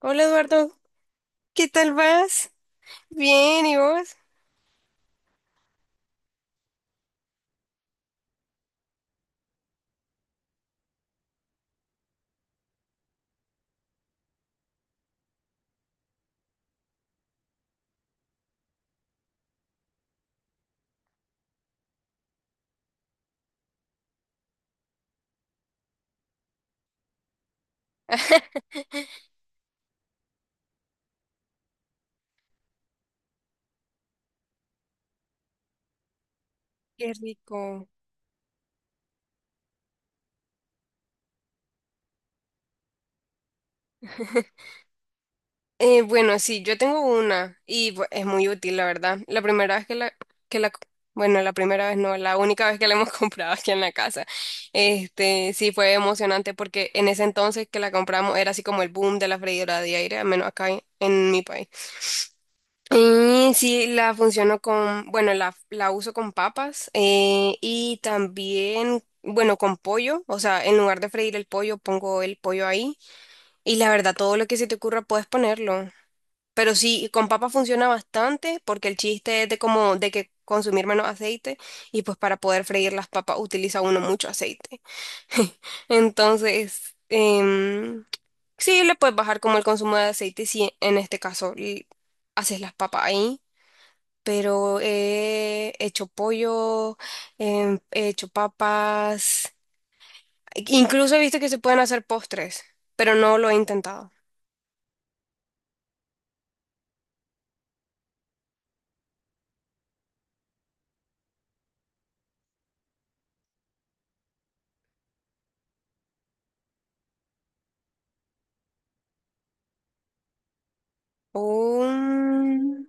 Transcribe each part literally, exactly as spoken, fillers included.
Hola Eduardo, ¿qué tal vas? Bien, ¿y vos? Qué rico. Eh, bueno, sí, yo tengo una y bu- es muy útil, la verdad. La primera vez que la, que la, bueno, la primera vez no, la única vez que la hemos comprado aquí en la casa. Este, sí fue emocionante porque en ese entonces que la compramos era así como el boom de la freidora de aire, al menos acá en en mi país. Y sí, la funciono con, bueno, la, la uso con papas, eh, y también, bueno, con pollo. O sea, en lugar de freír el pollo, pongo el pollo ahí. Y la verdad, todo lo que se te ocurra puedes ponerlo. Pero sí, con papas funciona bastante porque el chiste es de como, de que consumir menos aceite, y pues para poder freír las papas utiliza uno mucho aceite. Entonces, em, sí, le puedes bajar como el consumo de aceite si en este caso y haces las papas ahí, pero he hecho pollo, em, he hecho papas, incluso he visto que se pueden hacer postres, pero no lo he intentado. Un-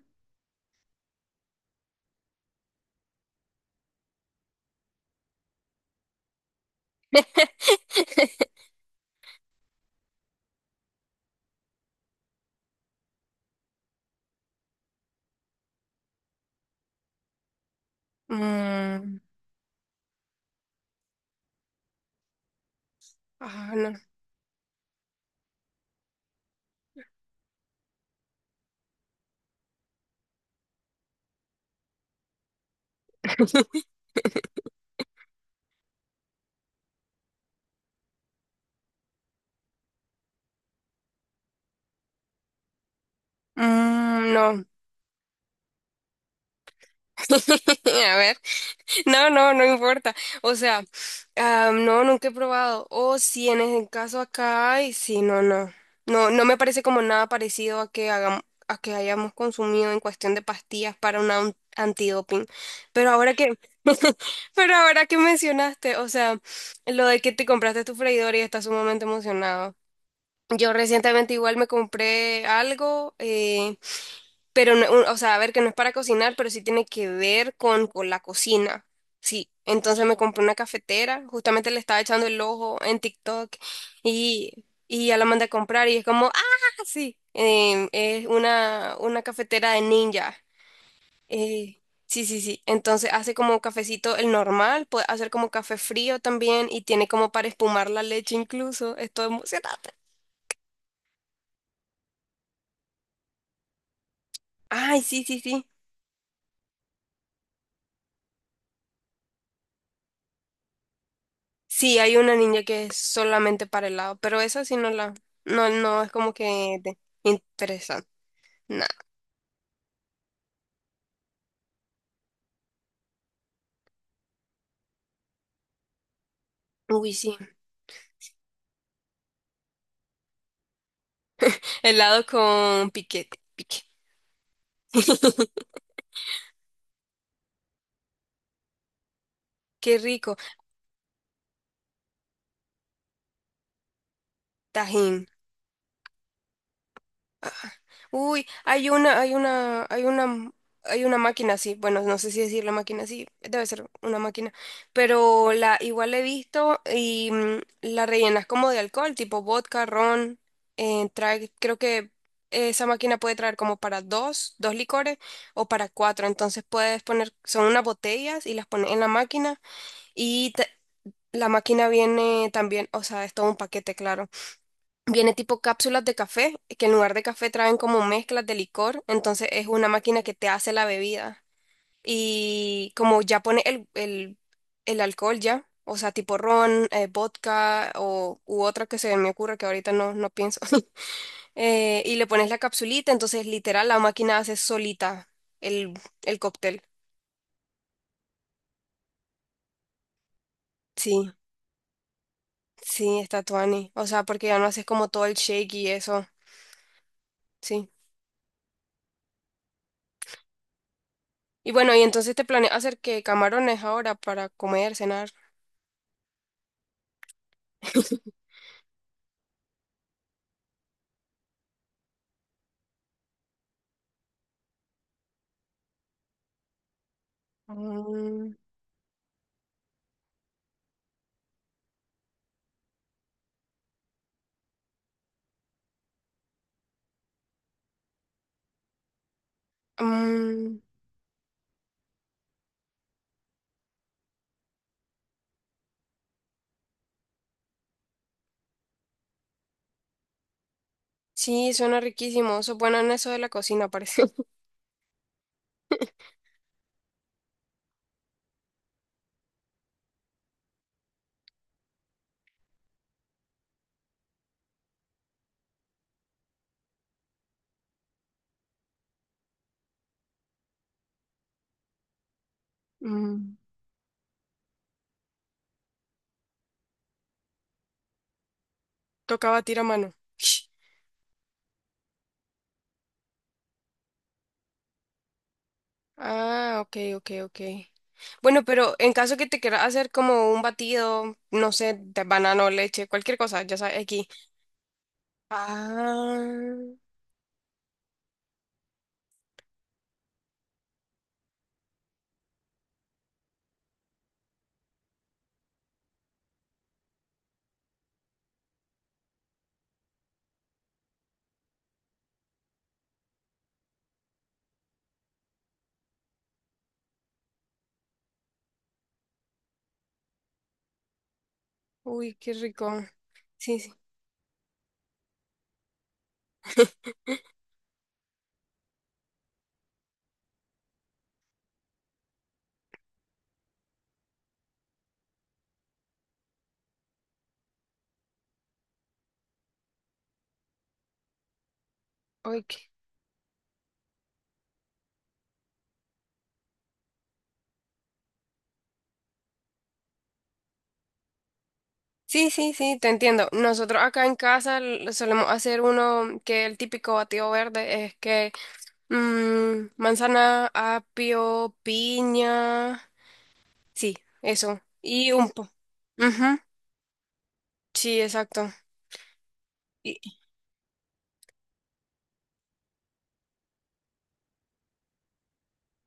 mm, ah, no. Mm, no. A ver. No, no, no importa. O sea, ah, no, nunca he probado. O si en el caso acá hay, sí, no, no. No, no me parece como nada parecido a que hagamos, a que hayamos consumido en cuestión de pastillas para un an- antidoping. Pero ahora que, pero ahora que mencionaste, o sea, lo de que te compraste tu freidora y estás sumamente emocionado. Yo recientemente igual me compré algo. Eh, pero, no- o sea, a ver, que no es para cocinar, pero sí tiene que ver con, con la cocina. Sí, entonces me compré una cafetera, justamente le estaba echando el ojo en TikTok y, y ya la mandé a comprar y es como, ah, sí, Em, es una, una cafetera de ninja. Eh, sí, sí, sí, entonces hace como cafecito el normal, puede hacer como café frío también, y tiene como para espumar la leche incluso, estoy emocionada. Ay, sí, sí, sí. Sí, hay una ninja que es solamente para helado, pero esa sí no la, no, no es como que de- interesante. Nada. Uy, sí. Helado con piquete, pique. Qué rico. Tajín. Uy, hay una, hay una, hay una, hay una máquina así. Bueno, no sé si decir la máquina así, debe ser una máquina. Pero la igual la he visto, y mm, la rellenas como de alcohol, tipo vodka, ron. Eh, trae, creo que esa máquina puede traer como para dos, dos licores o para cuatro. Entonces puedes poner, son unas botellas y las pones en la máquina y te- la máquina viene también, o sea, es todo un paquete, claro. Viene tipo cápsulas de café, que en lugar de café traen como mezclas de licor, entonces es una máquina que te hace la bebida. Y como ya pone el, el, el alcohol ya, o sea, tipo ron, eh, vodka o, u otra que se me ocurre que ahorita no, no pienso. Eh, y le pones la capsulita, entonces literal la máquina hace solita el, el cóctel. Sí, sí, está tuani. O sea, porque ya no haces como todo el shake y eso. Sí. Y bueno, y entonces te planeas hacer que camarones ahora para comer, cenar. Mm, mm, sí, suena riquísimo. Eso bueno en eso de la cocina, parece. Mm, Toca batir a mano. Ah, ok, ok, ok. Bueno, pero en caso que te quieras hacer como un batido, no sé, de banano, leche, cualquier cosa, ya sabes, aquí. Ah, uy, qué rico. Sí, sí. Uy, qué- sí, sí, sí, te entiendo. Nosotros acá en casa l- solemos hacer uno que el típico batido verde es que Mm, manzana, apio, piña. Sí, eso. Y un po. Ujú, sí, exacto. Y-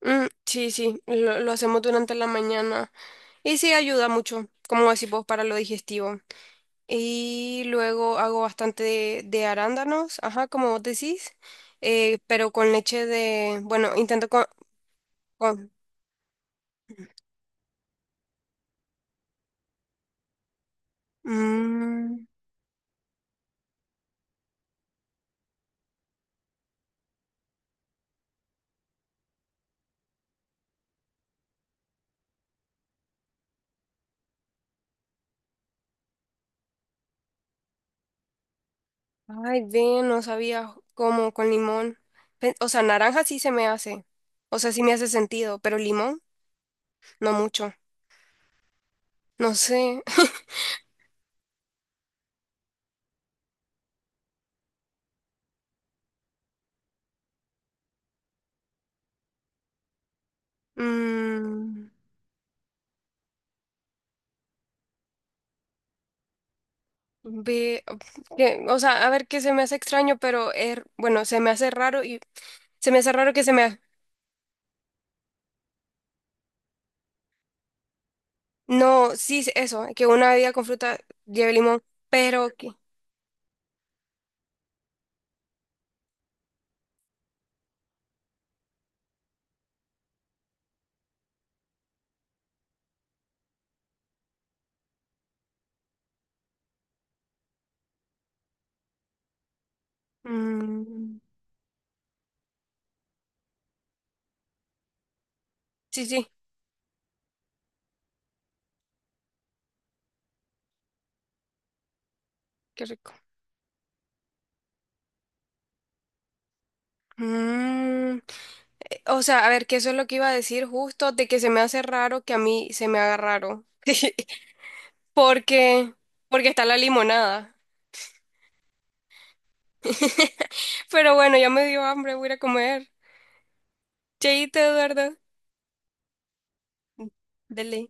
mm, sí, sí, lo, lo hacemos durante la mañana. Y sí, ayuda mucho, como decís vos, para lo digestivo. Y luego hago bastante de, de arándanos, ajá, como vos decís. Eh, pero con leche de. Bueno, intento con. con- Mm, Ay, ven, no sabía cómo con limón. Pe- O sea, naranja sí se me hace. O sea, sí me hace sentido, pero limón, no mucho. No sé. Mm, Ve, que- o sea, a ver qué se me hace extraño, pero er- bueno, se me hace raro y se me hace raro que se me. ha- No, sí, es eso, que una bebida con fruta lleve limón, pero que. mm, sí, sí, qué rico. Mm, O sea, a ver, que eso es lo que iba a decir justo, de que se me hace raro que a mí se me haga raro. Porque, porque está la limonada. Pero bueno, ya me dio hambre, voy a ir a comer. Cheíte, Eduardo. Dele.